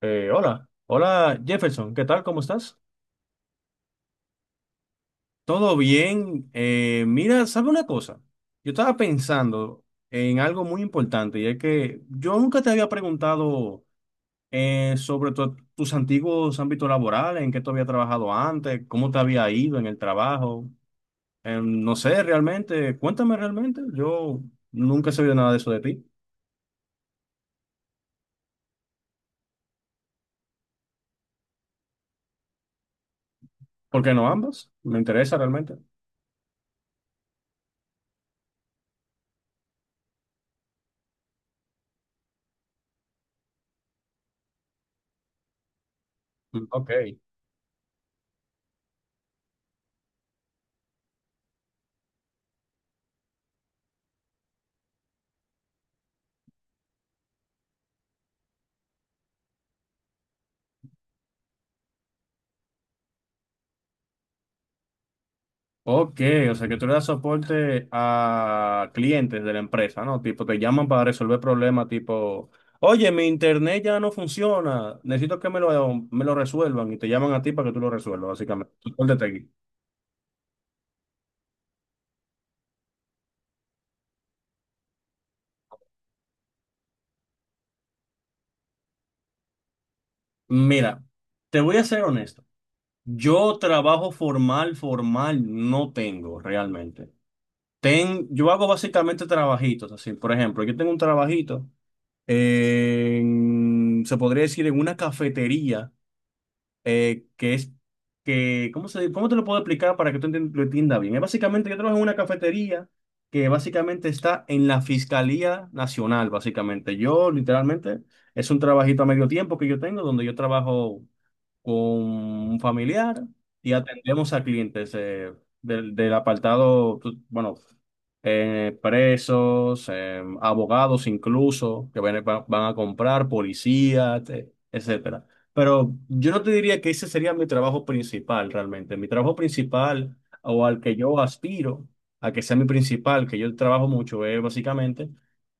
Hola, hola Jefferson, ¿qué tal? ¿Cómo estás? ¿Todo bien? Mira, ¿sabe una cosa? Yo estaba pensando en algo muy importante y es que yo nunca te había preguntado sobre tus antiguos ámbitos laborales, en qué tú habías trabajado antes, cómo te había ido en el trabajo. No sé, realmente, cuéntame realmente. Yo nunca he sabido nada de eso de ti. ¿Por qué no ambas? Me interesa realmente. Mm, ok. Ok, o sea que tú le das soporte a clientes de la empresa, ¿no? Tipo, te llaman para resolver problemas, tipo, oye, mi internet ya no funciona, necesito que me lo resuelvan y te llaman a ti para que tú lo resuelvas, básicamente. Soporte técnico. Mira, te voy a ser honesto. Yo trabajo formal, formal no tengo realmente. Ten, yo hago básicamente trabajitos, así, por ejemplo, yo tengo un trabajito en, se podría decir, en una cafetería que es que, ¿cómo se, cómo te lo puedo explicar para que tú lo entiendas bien? Es básicamente, yo trabajo en una cafetería que básicamente está en la Fiscalía Nacional, básicamente. Yo, literalmente, es un trabajito a medio tiempo que yo tengo, donde yo trabajo con un familiar y atendemos a clientes del, del apartado, bueno, presos, abogados incluso, que van, a van a comprar, policías, etcétera. Pero yo no te diría que ese sería mi trabajo principal realmente. Mi trabajo principal o al que yo aspiro, a que sea mi principal, que yo trabajo mucho, es básicamente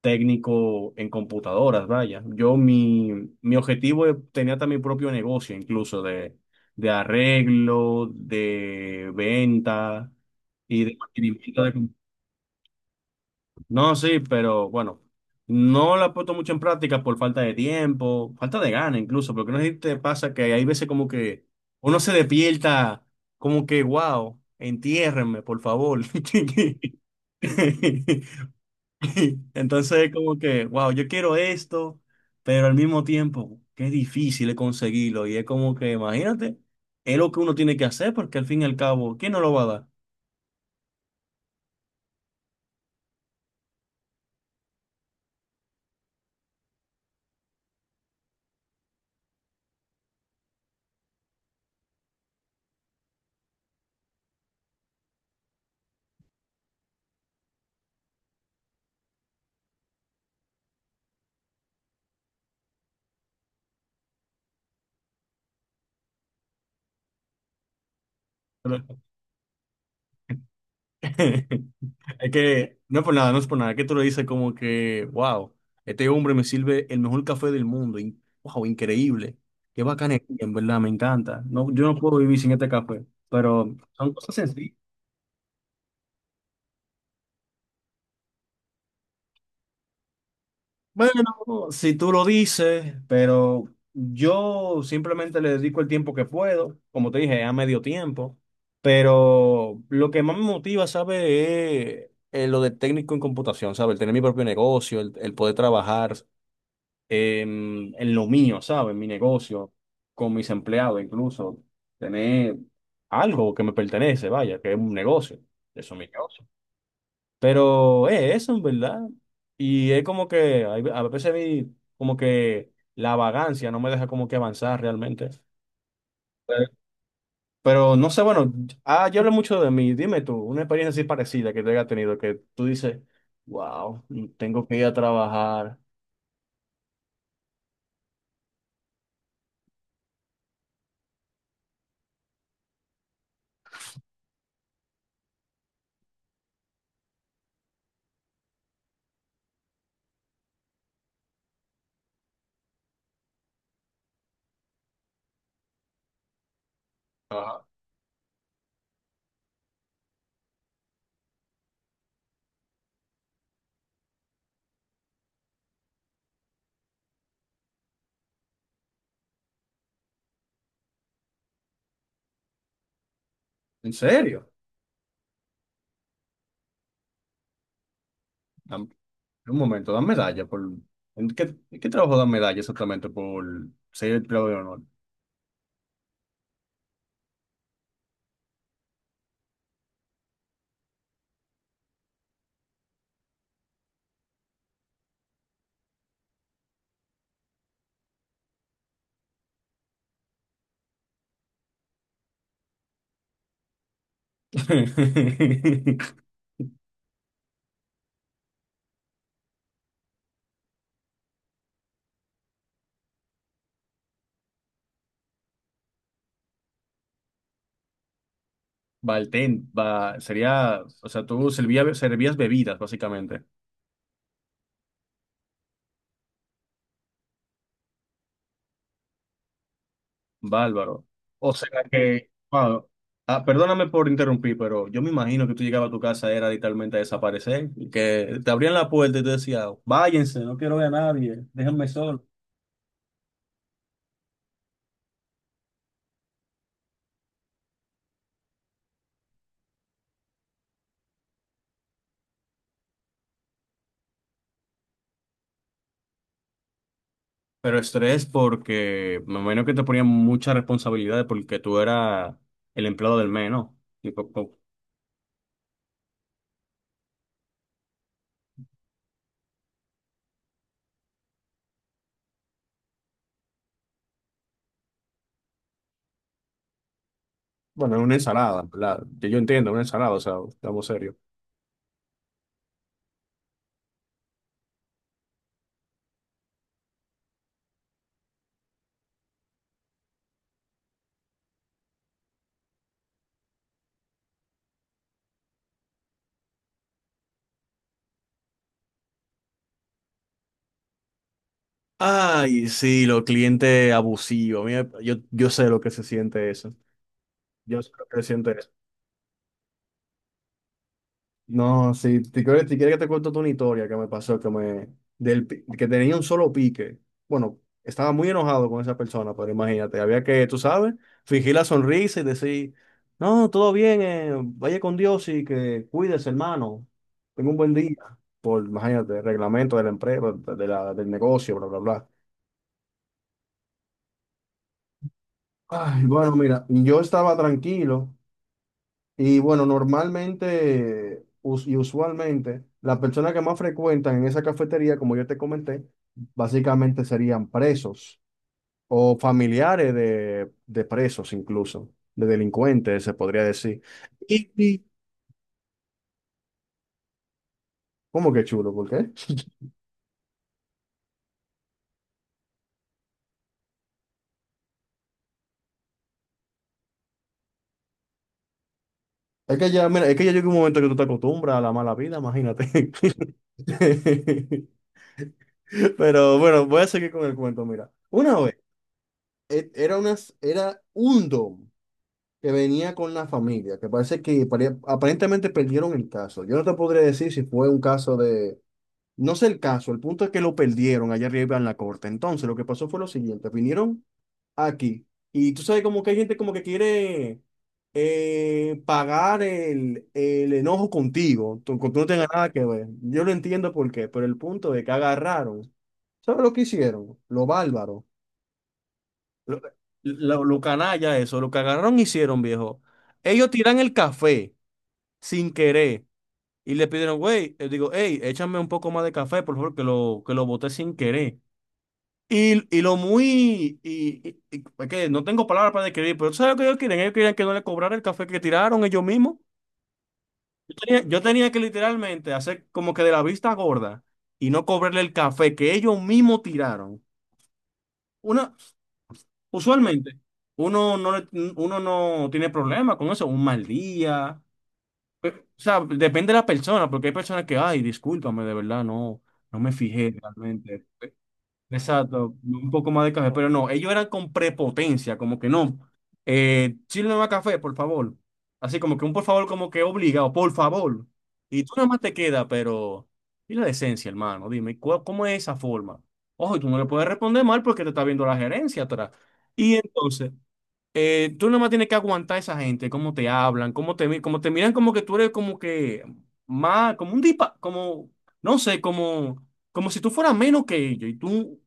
técnico en computadoras, vaya. Yo mi, mi objetivo es- tenía hasta mi propio negocio incluso de arreglo, de venta y de mantenimiento de... compu- No, sí, pero bueno, no la he puesto mucho en práctica por falta de tiempo, falta de gana incluso, porque no sé si te pasa que hay veces como que uno se despierta como que, wow, entiérrenme, por favor. Entonces, como que, wow, yo quiero esto, pero al mismo tiempo, qué difícil es conseguirlo. Y es como que, imagínate, es lo que uno tiene que hacer, porque al fin y al cabo, ¿quién no lo va a dar? Pero- es que, no es por nada, no es por nada, es que tú lo dices como que, wow, este hombre me sirve el mejor café del mundo, y, wow, increíble, qué bacán, en verdad, me encanta. No, yo no puedo vivir sin este café, pero son cosas sencillas. Bueno, si tú lo dices, pero yo simplemente le dedico el tiempo que puedo, como te dije, a medio tiempo, pero lo que más me motiva, ¿sabes? Es lo de técnico en computación, ¿sabes? El tener mi propio negocio, el poder trabajar en lo mío, ¿sabes? En mi negocio, con mis empleados incluso, tener algo que me pertenece, vaya, que es un negocio, eso es mi negocio. Pero es eso, en verdad. Y es como que hay a veces mi, como que la vagancia no me deja como que avanzar realmente. Eh, Pero no sé, bueno, ah, yo hablo mucho de mí. Dime tú, una experiencia así parecida que te haya tenido, que tú dices, wow, tengo que ir a trabajar. Ajá. ¿En serio? Dam- un momento, dan medalla por... en qué trabajo dan medalla exactamente por ser empleado de honor? Baltén, va, sería, o sea, tú servías bebidas, básicamente. Bárbaro. O sea que, wow. Ah, perdóname por interrumpir, pero yo me imagino que tú llegabas a tu casa, era literalmente a desaparecer, y que te abrían la puerta y te decía, váyanse, no quiero ver a nadie, déjenme solo. Pero estrés porque me imagino que te ponían muchas responsabilidades porque tú eras el empleado del mes, ¿no? Tipo, co- Bueno, es una ensalada, ¿en verdad? Yo entiendo, una ensalada, o sea, estamos serios. Ay, sí, los clientes abusivos. Mira, yo sé lo que se siente eso. Yo sé lo que se siente eso. No, sí, te quieres que te cuente una historia que me pasó, que me, del, pi- que tenía un solo pique. Bueno, estaba muy enojado con esa persona, pero imagínate, había que, tú sabes, fingir la sonrisa y decir, no, todo bien, vaya con Dios y que cuides, hermano. Tenga un buen día. Por, imagínate, reglamento de la empresa, de la, del negocio, bla, bla, bla. Ay, bueno, mira, yo estaba tranquilo. Y bueno, normalmente y usualmente las personas que más frecuentan en esa cafetería, como yo te comenté, básicamente serían presos o familiares de presos incluso, de delincuentes, se podría decir. Y- ¿cómo que chulo? ¿Por qué? Es que ya, mira, es que ya llega un momento que tú te acostumbras a la mala vida, imagínate. Pero bueno, voy a seguir con el cuento, mira. Una vez, e- era, unas, era un dom. Que venía con la familia, que parece que aparentemente perdieron el caso. Yo no te podría decir si fue un caso de, no sé el caso, el punto es que lo perdieron allá arriba en la corte. Entonces, lo que pasó fue lo siguiente, vinieron aquí y tú sabes como que hay gente como que quiere pagar el enojo contigo, tú no tengas nada que ver. Yo lo entiendo por qué, pero el punto es que agarraron. ¿Sabes lo que hicieron? Lo bárbaro lo, lo canalla eso, lo que agarraron hicieron, viejo. Ellos tiran el café sin querer y le pidieron, güey, digo, hey, échame un poco más de café, por favor, que lo boté sin querer. Y lo muy, y, es que no tengo palabras para describir, pero ¿sabes lo que ellos quieren? Ellos querían que no le cobrara el café que tiraron ellos mismos. Yo tenía que literalmente hacer como que de la vista gorda y no cobrarle el café que ellos mismos tiraron. Una, usualmente, uno no, le- uno no tiene problema con eso, un mal día. O sea, depende de la persona, porque hay personas que, ay, discúlpame, de verdad, no, no me fijé realmente. Exacto, un poco más de café, pero no, ellos eran con prepotencia, como que no, sírveme más café, por favor. Así como que un por favor, como que obligado, por favor. Y tú nada más te queda, pero, y la decencia, hermano, dime, ¿cuál- ¿cómo es esa forma? Ojo, y tú no le puedes responder mal porque te está viendo la gerencia atrás. Y entonces tú nomás tienes que aguantar a esa gente, cómo te hablan, cómo te, mi- cómo te miran, como que tú eres como que más, como un dipa, como, no sé, como, como si tú fueras menos que ellos. Y tú,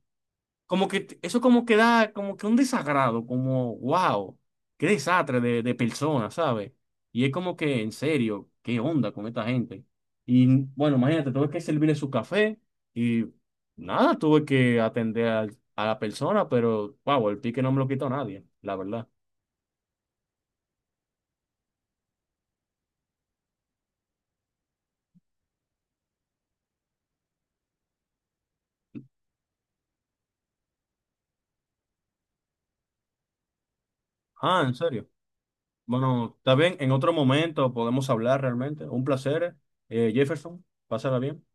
como que t- eso como que da, como que un desagrado, como, wow, qué desastre de persona, ¿sabes? Y es como que, en serio, qué onda con esta gente. Y bueno, imagínate, tuve que servirle su café y nada, tuve que atender a la persona, pero, wow, el pique no me lo quitó nadie, la verdad. Ah, en serio. Bueno, está bien, en otro momento podemos hablar realmente. Un placer, Jefferson. Pásala bien.